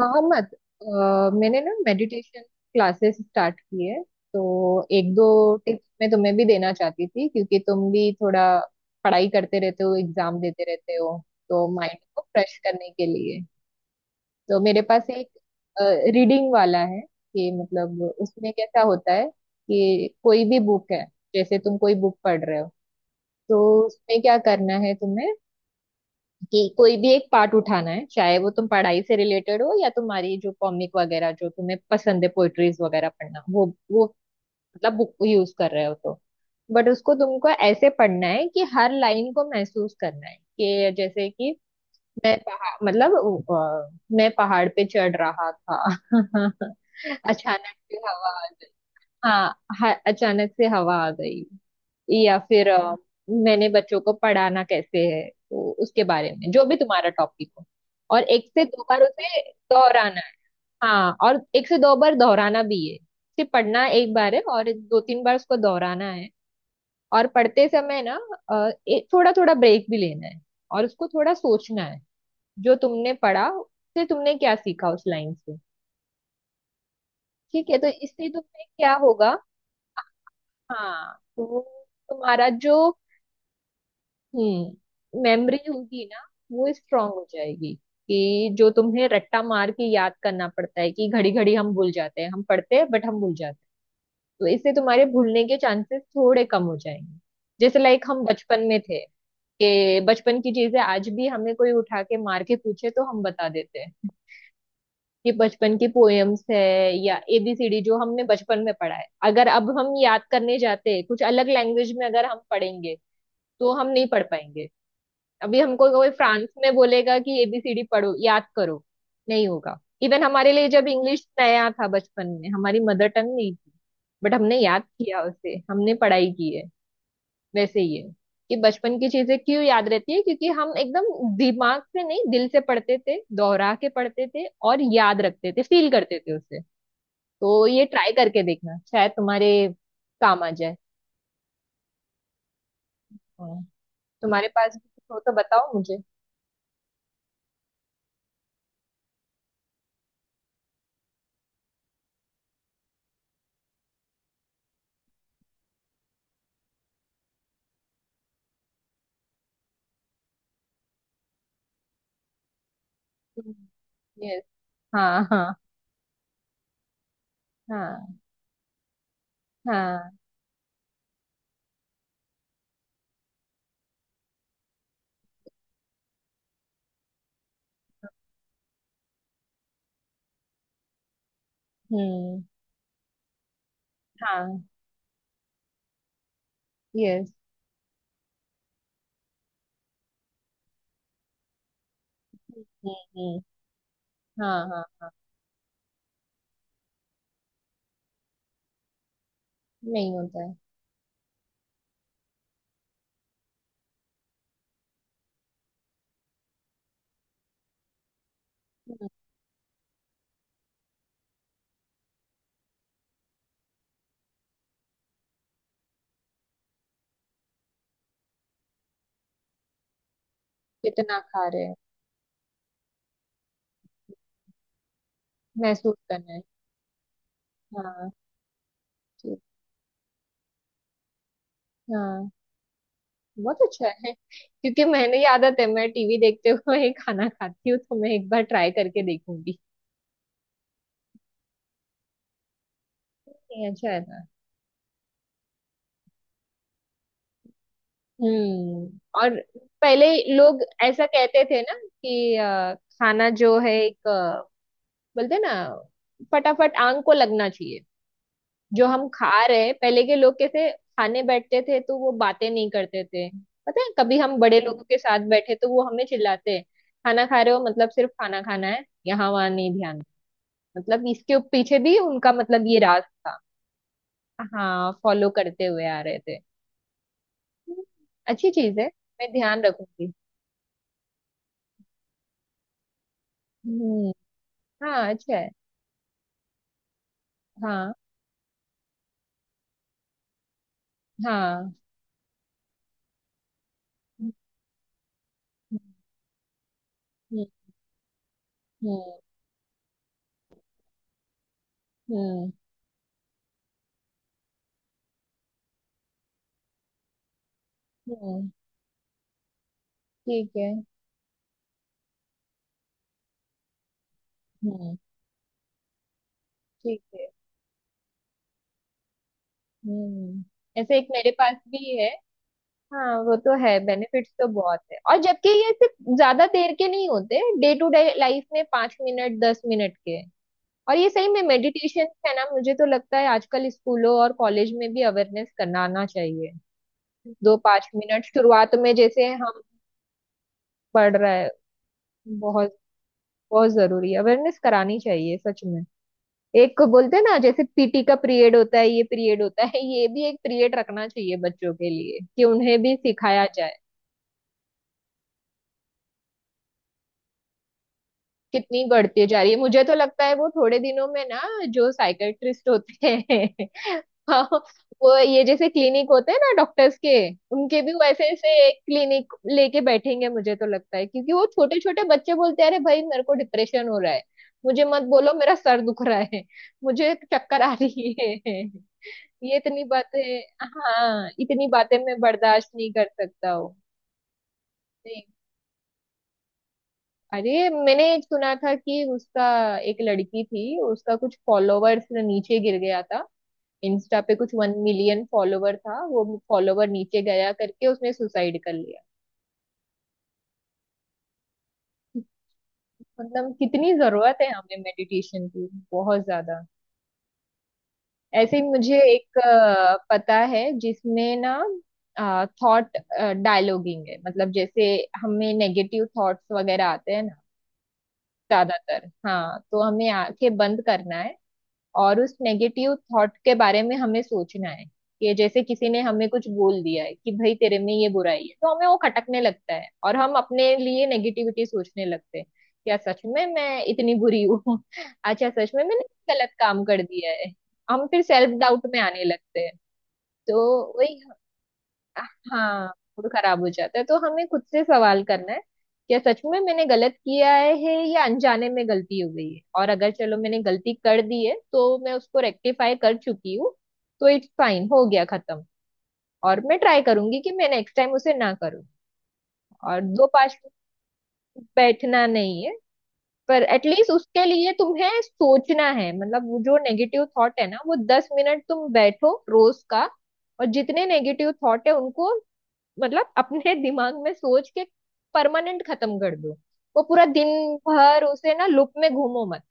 मोहम्मद, अ, मैंने ना मेडिटेशन क्लासेस स्टार्ट की है। तो एक दो टिप्स मैं तुम्हें भी देना चाहती थी क्योंकि तुम भी थोड़ा पढ़ाई करते रहते हो, एग्जाम देते रहते हो, तो माइंड को फ्रेश करने के लिए। तो मेरे पास एक रीडिंग वाला है कि मतलब उसमें कैसा होता है कि कोई भी बुक है। जैसे तुम कोई बुक पढ़ रहे हो तो उसमें क्या करना है तुम्हें, कि कोई भी एक पार्ट उठाना है, चाहे वो तुम पढ़ाई से रिलेटेड हो या तुम्हारी जो कॉमिक वगैरह जो तुम्हें पसंद है, पोइट्रीज वगैरह पढ़ना, वो मतलब बुक यूज कर रहे हो तो। बट उसको तुमको ऐसे पढ़ना है कि हर लाइन को महसूस करना है, कि जैसे कि मैं पहाड़, मतलब अ, मैं पहाड़ पे चढ़ रहा था अचानक से हवा आ गई। हाँ, अचानक से हवा आ गई। या फिर मैंने बच्चों को पढ़ाना कैसे है, तो उसके बारे में जो भी तुम्हारा टॉपिक हो और एक से दो बार उसे दोहराना है। हाँ, और एक से दो बार दोहराना भी है, सिर्फ पढ़ना एक बार है और दो तीन बार उसको दोहराना है। और पढ़ते समय ना एक थोड़ा थोड़ा ब्रेक भी लेना है और उसको थोड़ा सोचना है, जो तुमने पढ़ा उससे तुमने क्या सीखा उस लाइन से। ठीक है? तो इससे तुम्हें क्या होगा, हाँ तो तुम्हारा जो मेमोरी होगी ना, वो स्ट्रांग हो जाएगी। कि जो तुम्हें रट्टा मार के याद करना पड़ता है, कि घड़ी घड़ी हम भूल जाते हैं, हम पढ़ते हैं बट हम भूल जाते हैं, तो इससे तुम्हारे भूलने के चांसेस थोड़े कम हो जाएंगे। जैसे लाइक हम बचपन में थे, कि बचपन की चीजें आज भी हमें कोई उठा के मार के पूछे तो हम बता देते हैं, कि बचपन की पोएम्स है या एबीसीडी जो हमने बचपन में पढ़ा है। अगर अब हम याद करने जाते कुछ अलग लैंग्वेज में, अगर हम पढ़ेंगे तो हम नहीं पढ़ पाएंगे। अभी हमको कोई फ्रांस में बोलेगा कि एबीसीडी पढ़ो, याद करो, नहीं होगा। इवन हमारे लिए जब इंग्लिश नया था बचपन में, हमारी मदर टंग नहीं थी, बट हमने याद किया उसे, हमने पढ़ाई की है। वैसे ही है, कि बचपन की चीजें क्यों याद रहती है, क्योंकि हम एकदम दिमाग से नहीं दिल से पढ़ते थे, दोहरा के पढ़ते थे और याद रखते थे, फील करते थे उसे। तो ये ट्राई करके देखना, शायद तुम्हारे काम आ जाए। और तुम्हारे पास भी कुछ हो तो बताओ मुझे। यस। हाँ हाँ। हाँ हाँ। हम्म। हाँ। यस। हम्म हम्म। हाँ हाँ। नहीं होता है। कितना खा रहे हैं। महसूस करना है। हाँ। ठीक। हाँ, बहुत अच्छा है। क्योंकि मैंने, ये आदत है, मैं टीवी देखते हुए ही खाना खाती हूँ, तो मैं एक बार ट्राई करके देखूंगी। नहीं, अच्छा है ना। हम्म। और पहले लोग ऐसा कहते थे ना कि खाना जो है एक, बोलते ना फटाफट आंख को लगना चाहिए जो हम खा रहे हैं। पहले के लोग कैसे खाने बैठते थे, तो वो बातें नहीं करते थे। पता है, कभी हम बड़े लोगों के साथ बैठे तो वो हमें चिल्लाते हैं, खाना खा रहे हो मतलब सिर्फ खाना खाना है, यहाँ वहाँ नहीं ध्यान। मतलब इसके पीछे भी उनका मतलब ये राज था। हाँ, फॉलो करते हुए आ रहे थे। हम्म, अच्छी चीज है। मैं ध्यान रखूंगी। हम्म। हाँ, अच्छा है। हाँ हाँ। हम्म हम्म हम्म हम्म। हम्म। ठीक है। हम्म। ठीक है। हम्म। ऐसे एक मेरे पास भी है। हाँ, वो तो है, बेनिफिट्स तो बहुत है, और जबकि ये सिर्फ ज्यादा देर के नहीं होते, डे टू डे लाइफ में 5 मिनट 10 मिनट के हैं। और ये सही में मेडिटेशन है ना, मुझे तो लगता है आजकल स्कूलों और कॉलेज में भी अवेयरनेस कराना चाहिए। दो पांच मिनट शुरुआत में जैसे हम पढ़ रहे हैं। बहुत, बहुत जरूरी अवेयरनेस करानी चाहिए सच में। एक को बोलते हैं ना, जैसे पीटी का पीरियड होता है, ये पीरियड होता है, ये भी एक पीरियड रखना चाहिए बच्चों के लिए कि उन्हें भी सिखाया जाए। कितनी बढ़ती जा रही है, मुझे तो लगता है वो थोड़े दिनों में ना जो साइकेट्रिस्ट होते हैं हाँ, वो ये जैसे क्लिनिक होते हैं ना डॉक्टर्स के, उनके भी वैसे ऐसे एक क्लिनिक लेके बैठेंगे, मुझे तो लगता है। क्योंकि वो छोटे छोटे बच्चे बोलते हैं, अरे भाई मेरे को डिप्रेशन हो रहा है, मुझे मत बोलो, मेरा सर दुख रहा है, मुझे चक्कर आ रही है ये इतनी बातें, हाँ इतनी बातें मैं बर्दाश्त नहीं कर सकता हूँ। नहीं, अरे मैंने सुना था कि उसका, एक लड़की थी उसका कुछ फॉलोवर्स नीचे गिर गया था, इंस्टा पे कुछ 1 मिलियन फॉलोवर था वो, फॉलोवर नीचे गया करके उसने सुसाइड कर लिया। मतलब कितनी जरूरत है हमें मेडिटेशन की, बहुत ज्यादा। ऐसे ही मुझे एक पता है, जिसमें ना थॉट डायलॉगिंग है। मतलब जैसे हमें नेगेटिव थॉट्स वगैरह आते हैं ज्यादातर, हाँ तो हमें आंखें बंद करना है और उस नेगेटिव थॉट के बारे में हमें सोचना है। कि जैसे किसी ने हमें कुछ बोल दिया है, कि भाई तेरे में ये बुराई है, तो हमें वो खटकने लगता है और हम अपने लिए नेगेटिविटी सोचने लगते हैं, क्या सच में मैं इतनी बुरी हूँ अच्छा सच में मैंने गलत काम कर दिया है। हम फिर सेल्फ डाउट में आने लगते हैं। तो वही, हाँ, मूड खराब हो जाता है, तो हमें खुद से सवाल करना है, क्या सच में मैंने गलत किया है या अनजाने में गलती हो गई है। और अगर चलो मैंने गलती कर दी है तो मैं उसको रेक्टिफाई कर चुकी हूँ, तो इट्स फाइन, हो गया खत्म। और मैं ट्राई करूंगी कि मैं नेक्स्ट टाइम उसे ना करूँ। और दो पास बैठना नहीं है, पर एटलीस्ट उसके लिए तुम्हें सोचना है। मतलब वो जो नेगेटिव थॉट है ना, वो 10 मिनट तुम बैठो रोज का, और जितने नेगेटिव थॉट है उनको, मतलब अपने दिमाग में सोच के परमानेंट खत्म कर दो। वो पूरा दिन भर उसे ना लूप में घूमो मत,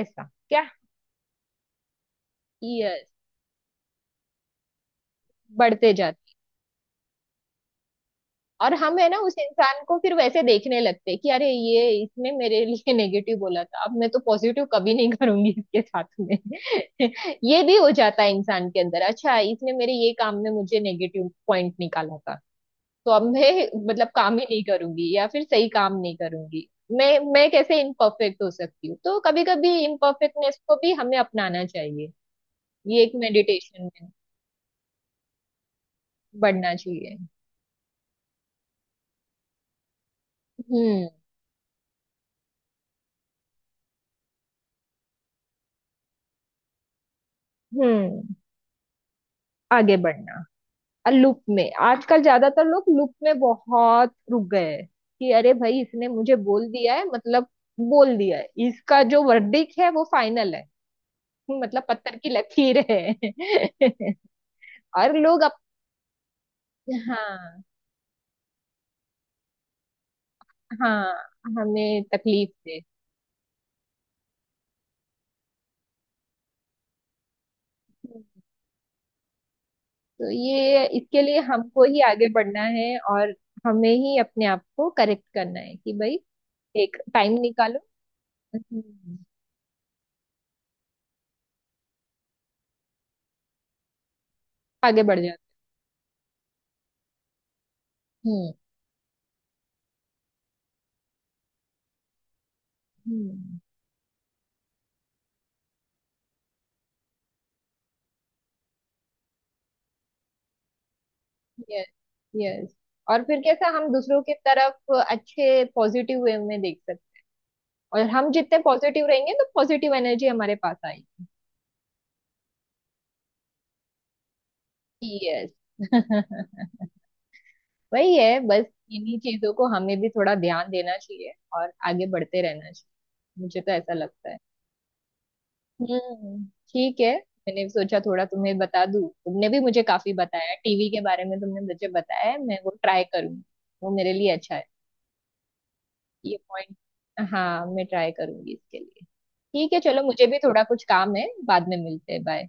ऐसा क्या। यस, बढ़ते जाते। और हम है ना उस इंसान को फिर वैसे देखने लगते हैं, कि अरे ये इसने मेरे लिए नेगेटिव बोला था, अब मैं तो पॉजिटिव कभी नहीं करूंगी इसके साथ में ये भी हो जाता है इंसान के अंदर, अच्छा इसने मेरे ये काम में मुझे नेगेटिव पॉइंट निकाला था, तो अब मैं मतलब काम ही नहीं करूंगी, या फिर सही काम नहीं करूंगी। मैं मैं कैसे इम्परफेक्ट हो सकती हूँ, तो कभी कभी इम्परफेक्टनेस को भी हमें अपनाना चाहिए। ये एक मेडिटेशन में बढ़ना चाहिए। हम्म हम्म। आगे बढ़ना। लूप में आजकल ज्यादातर लोग लूप में बहुत रुक गए हैं, कि अरे भाई इसने मुझे बोल दिया है, मतलब बोल दिया है, इसका जो वर्डिक है वो फाइनल है, मतलब पत्थर की लकीर है और लोग हाँ हाँ। हमें तकलीफ दे। हम्म। तो ये इसके लिए हमको ही आगे बढ़ना है, और हमें ही अपने आप को करेक्ट करना है, कि भाई एक टाइम निकालो। हम्म। आगे बढ़ जाओ। हम्म। Yes, yes. और फिर कैसा हम दूसरों की तरफ अच्छे पॉजिटिव वे में देख सकते, और हम जितने पॉजिटिव रहेंगे तो पॉजिटिव एनर्जी हमारे पास आएगी। यस वही है बस। इन्हीं चीजों को हमें भी थोड़ा ध्यान देना चाहिए, और आगे बढ़ते रहना चाहिए, मुझे तो ऐसा लगता है। हम्म। ठीक है। मैंने सोचा थोड़ा तुम्हें बता दूं, तुमने भी मुझे काफी बताया टीवी के बारे में, तुमने मुझे बताया है, मैं वो ट्राई करूंगी, वो मेरे लिए अच्छा है। ये पॉइंट, हाँ, मैं ट्राई करूंगी इसके लिए। ठीक है, चलो मुझे भी थोड़ा कुछ काम है, बाद में मिलते हैं, बाय।